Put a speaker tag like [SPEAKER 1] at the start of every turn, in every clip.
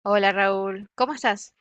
[SPEAKER 1] Hola Raúl, ¿cómo estás?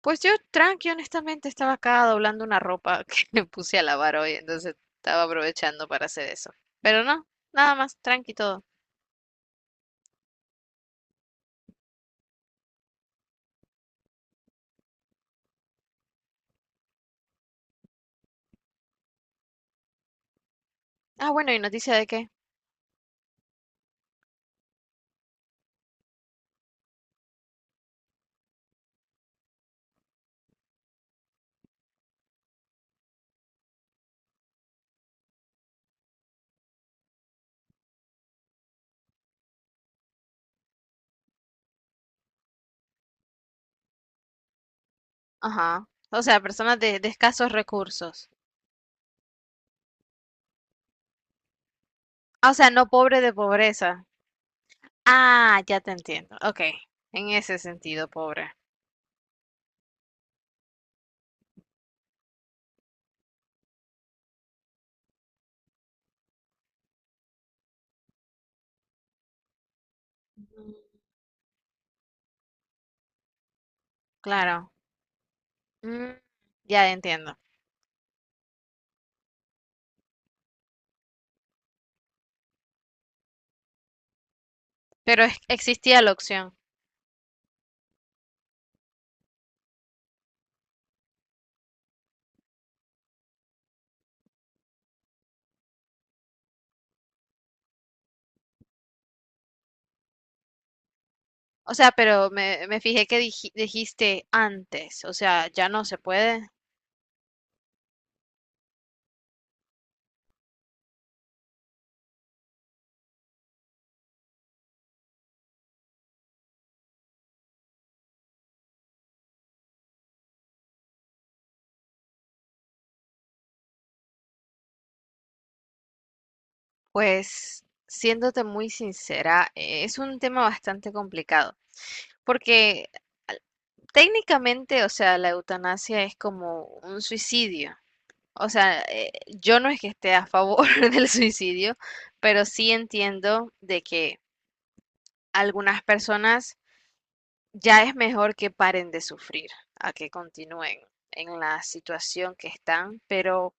[SPEAKER 1] Pues yo tranqui, honestamente estaba acá doblando una ropa que me puse a lavar hoy, entonces estaba aprovechando para hacer eso. Pero no, nada más, tranqui todo. Ah, bueno, ¿y noticia de qué? Ajá. O sea, personas de escasos recursos. Ah, o sea, no pobre de pobreza. Ah, ya te entiendo. Ok, en ese sentido, pobre. Mm. Claro. Mm, ya entiendo. Existía la opción. O sea, pero me fijé que dijiste antes, o sea, ya no se puede. Pues, siéndote muy sincera, es un tema bastante complicado, porque al- técnicamente, o sea, la eutanasia es como un suicidio. O sea, yo no es que esté a favor del suicidio, pero sí entiendo de que algunas personas ya es mejor que paren de sufrir, a que continúen en la situación que están, pero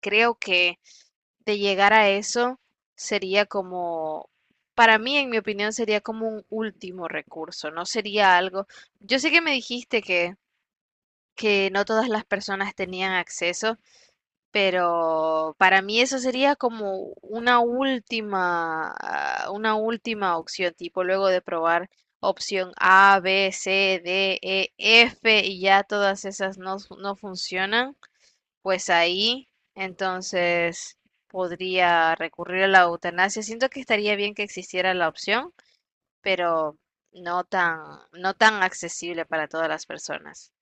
[SPEAKER 1] creo que de llegar a eso sería como, para mí, en mi opinión, sería como un último recurso, no sería algo. Yo sé que me dijiste que no todas las personas tenían acceso, pero para mí eso sería como una última, ah, una última opción, tipo luego de probar opción A, B, C, D, E, F y ya todas esas no funcionan, pues ahí entonces podría recurrir a la eutanasia. Siento que estaría bien que existiera la opción, pero no tan, no tan accesible para todas las personas.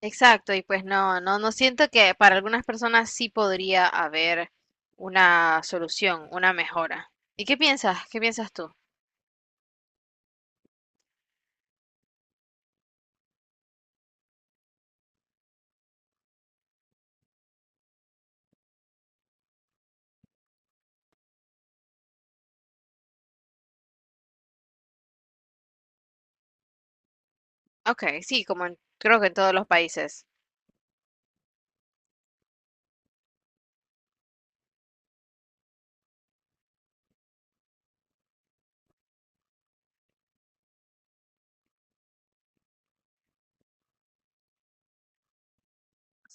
[SPEAKER 1] Exacto, y pues no siento que para algunas personas sí podría haber una solución, una mejora. ¿Y qué piensas? ¿Qué piensas tú? Ok, sí, creo que en todos los países.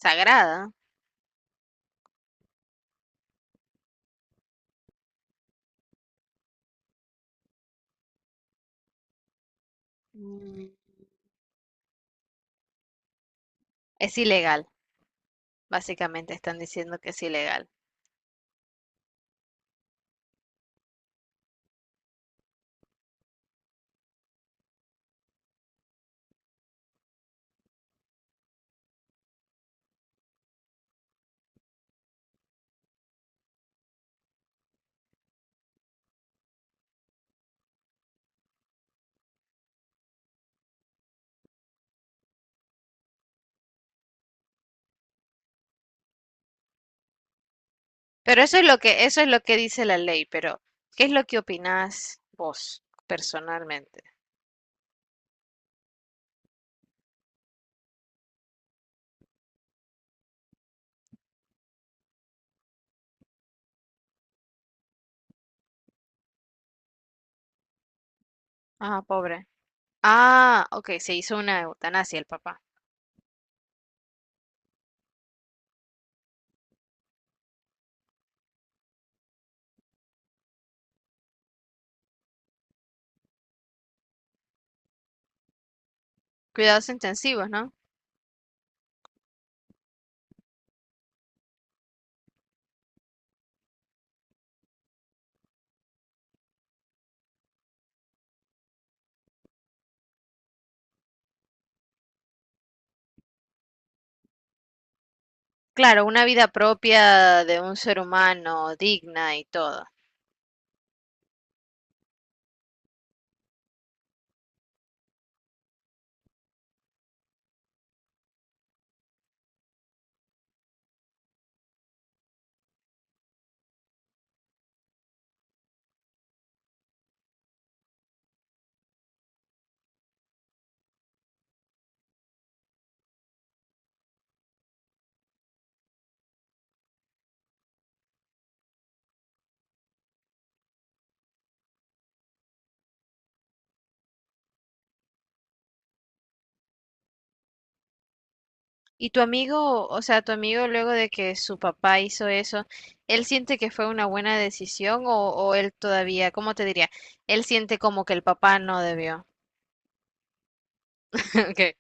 [SPEAKER 1] Sagrada. Mm. Es ilegal, básicamente están diciendo que es ilegal. Pero eso es lo que, eso es lo que dice la ley, pero ¿qué es lo que opinás vos personalmente? Ah, pobre. Ah, ok, se hizo una eutanasia el papá. Cuidados intensivos, ¿no? Claro, una vida propia de un ser humano, digna y todo. Y tu amigo, o sea, tu amigo luego de que su papá hizo eso, ¿él siente que fue una buena decisión o él todavía, cómo te diría? Él siente como que el papá no debió. Ok.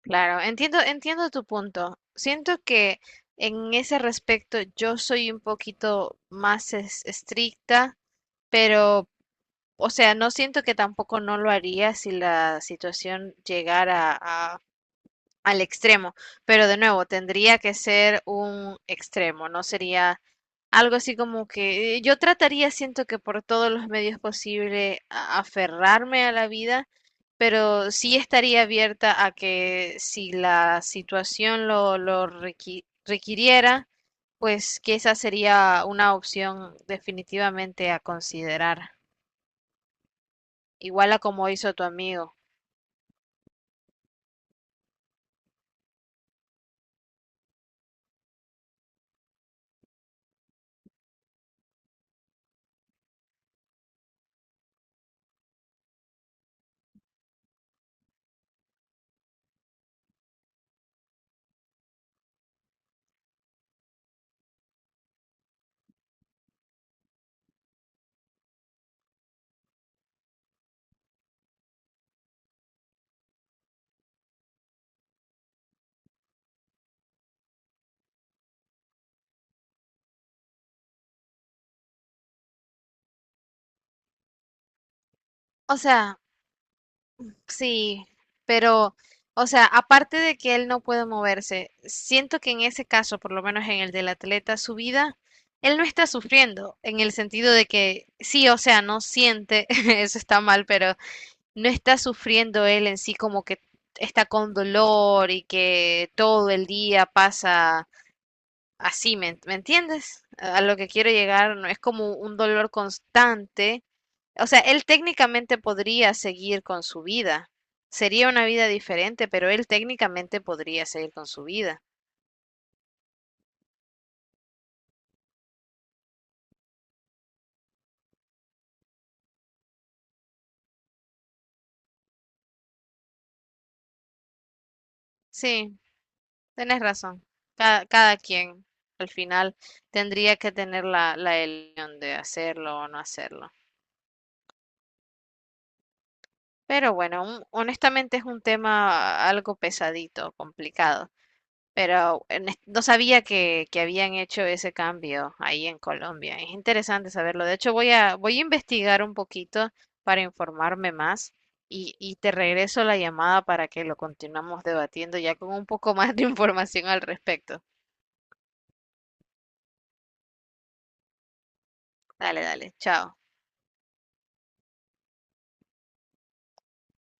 [SPEAKER 1] Claro, entiendo, entiendo tu punto. Siento que en ese respecto yo soy un poquito más estricta, pero, o sea, no siento que tampoco no lo haría si la situación llegara al extremo, pero de nuevo tendría que ser un extremo, no sería algo así como que yo trataría, siento que por todos los medios posibles, aferrarme a la vida, pero sí estaría abierta a que si la situación lo requiriera, pues que esa sería una opción definitivamente a considerar, igual a como hizo tu amigo. O sea, sí, pero, o sea, aparte de que él no puede moverse, siento que en ese caso, por lo menos en el del atleta, su vida, él no está sufriendo, en el sentido de que sí, o sea, no siente, eso está mal, pero no está sufriendo él en sí como que está con dolor y que todo el día pasa así, me entiendes? A lo que quiero llegar, no es como un dolor constante. O sea, él técnicamente podría seguir con su vida. Sería una vida diferente, pero él técnicamente podría seguir con su vida. Sí, tenés razón. Cada quien al final tendría que tener la elección de hacerlo o no hacerlo. Pero bueno, honestamente es un tema algo pesadito, complicado. Pero no sabía que habían hecho ese cambio ahí en Colombia. Es interesante saberlo. De hecho, voy a investigar un poquito para informarme más y te regreso la llamada para que lo continuemos debatiendo ya con un poco más de información al respecto. Dale, dale, chao.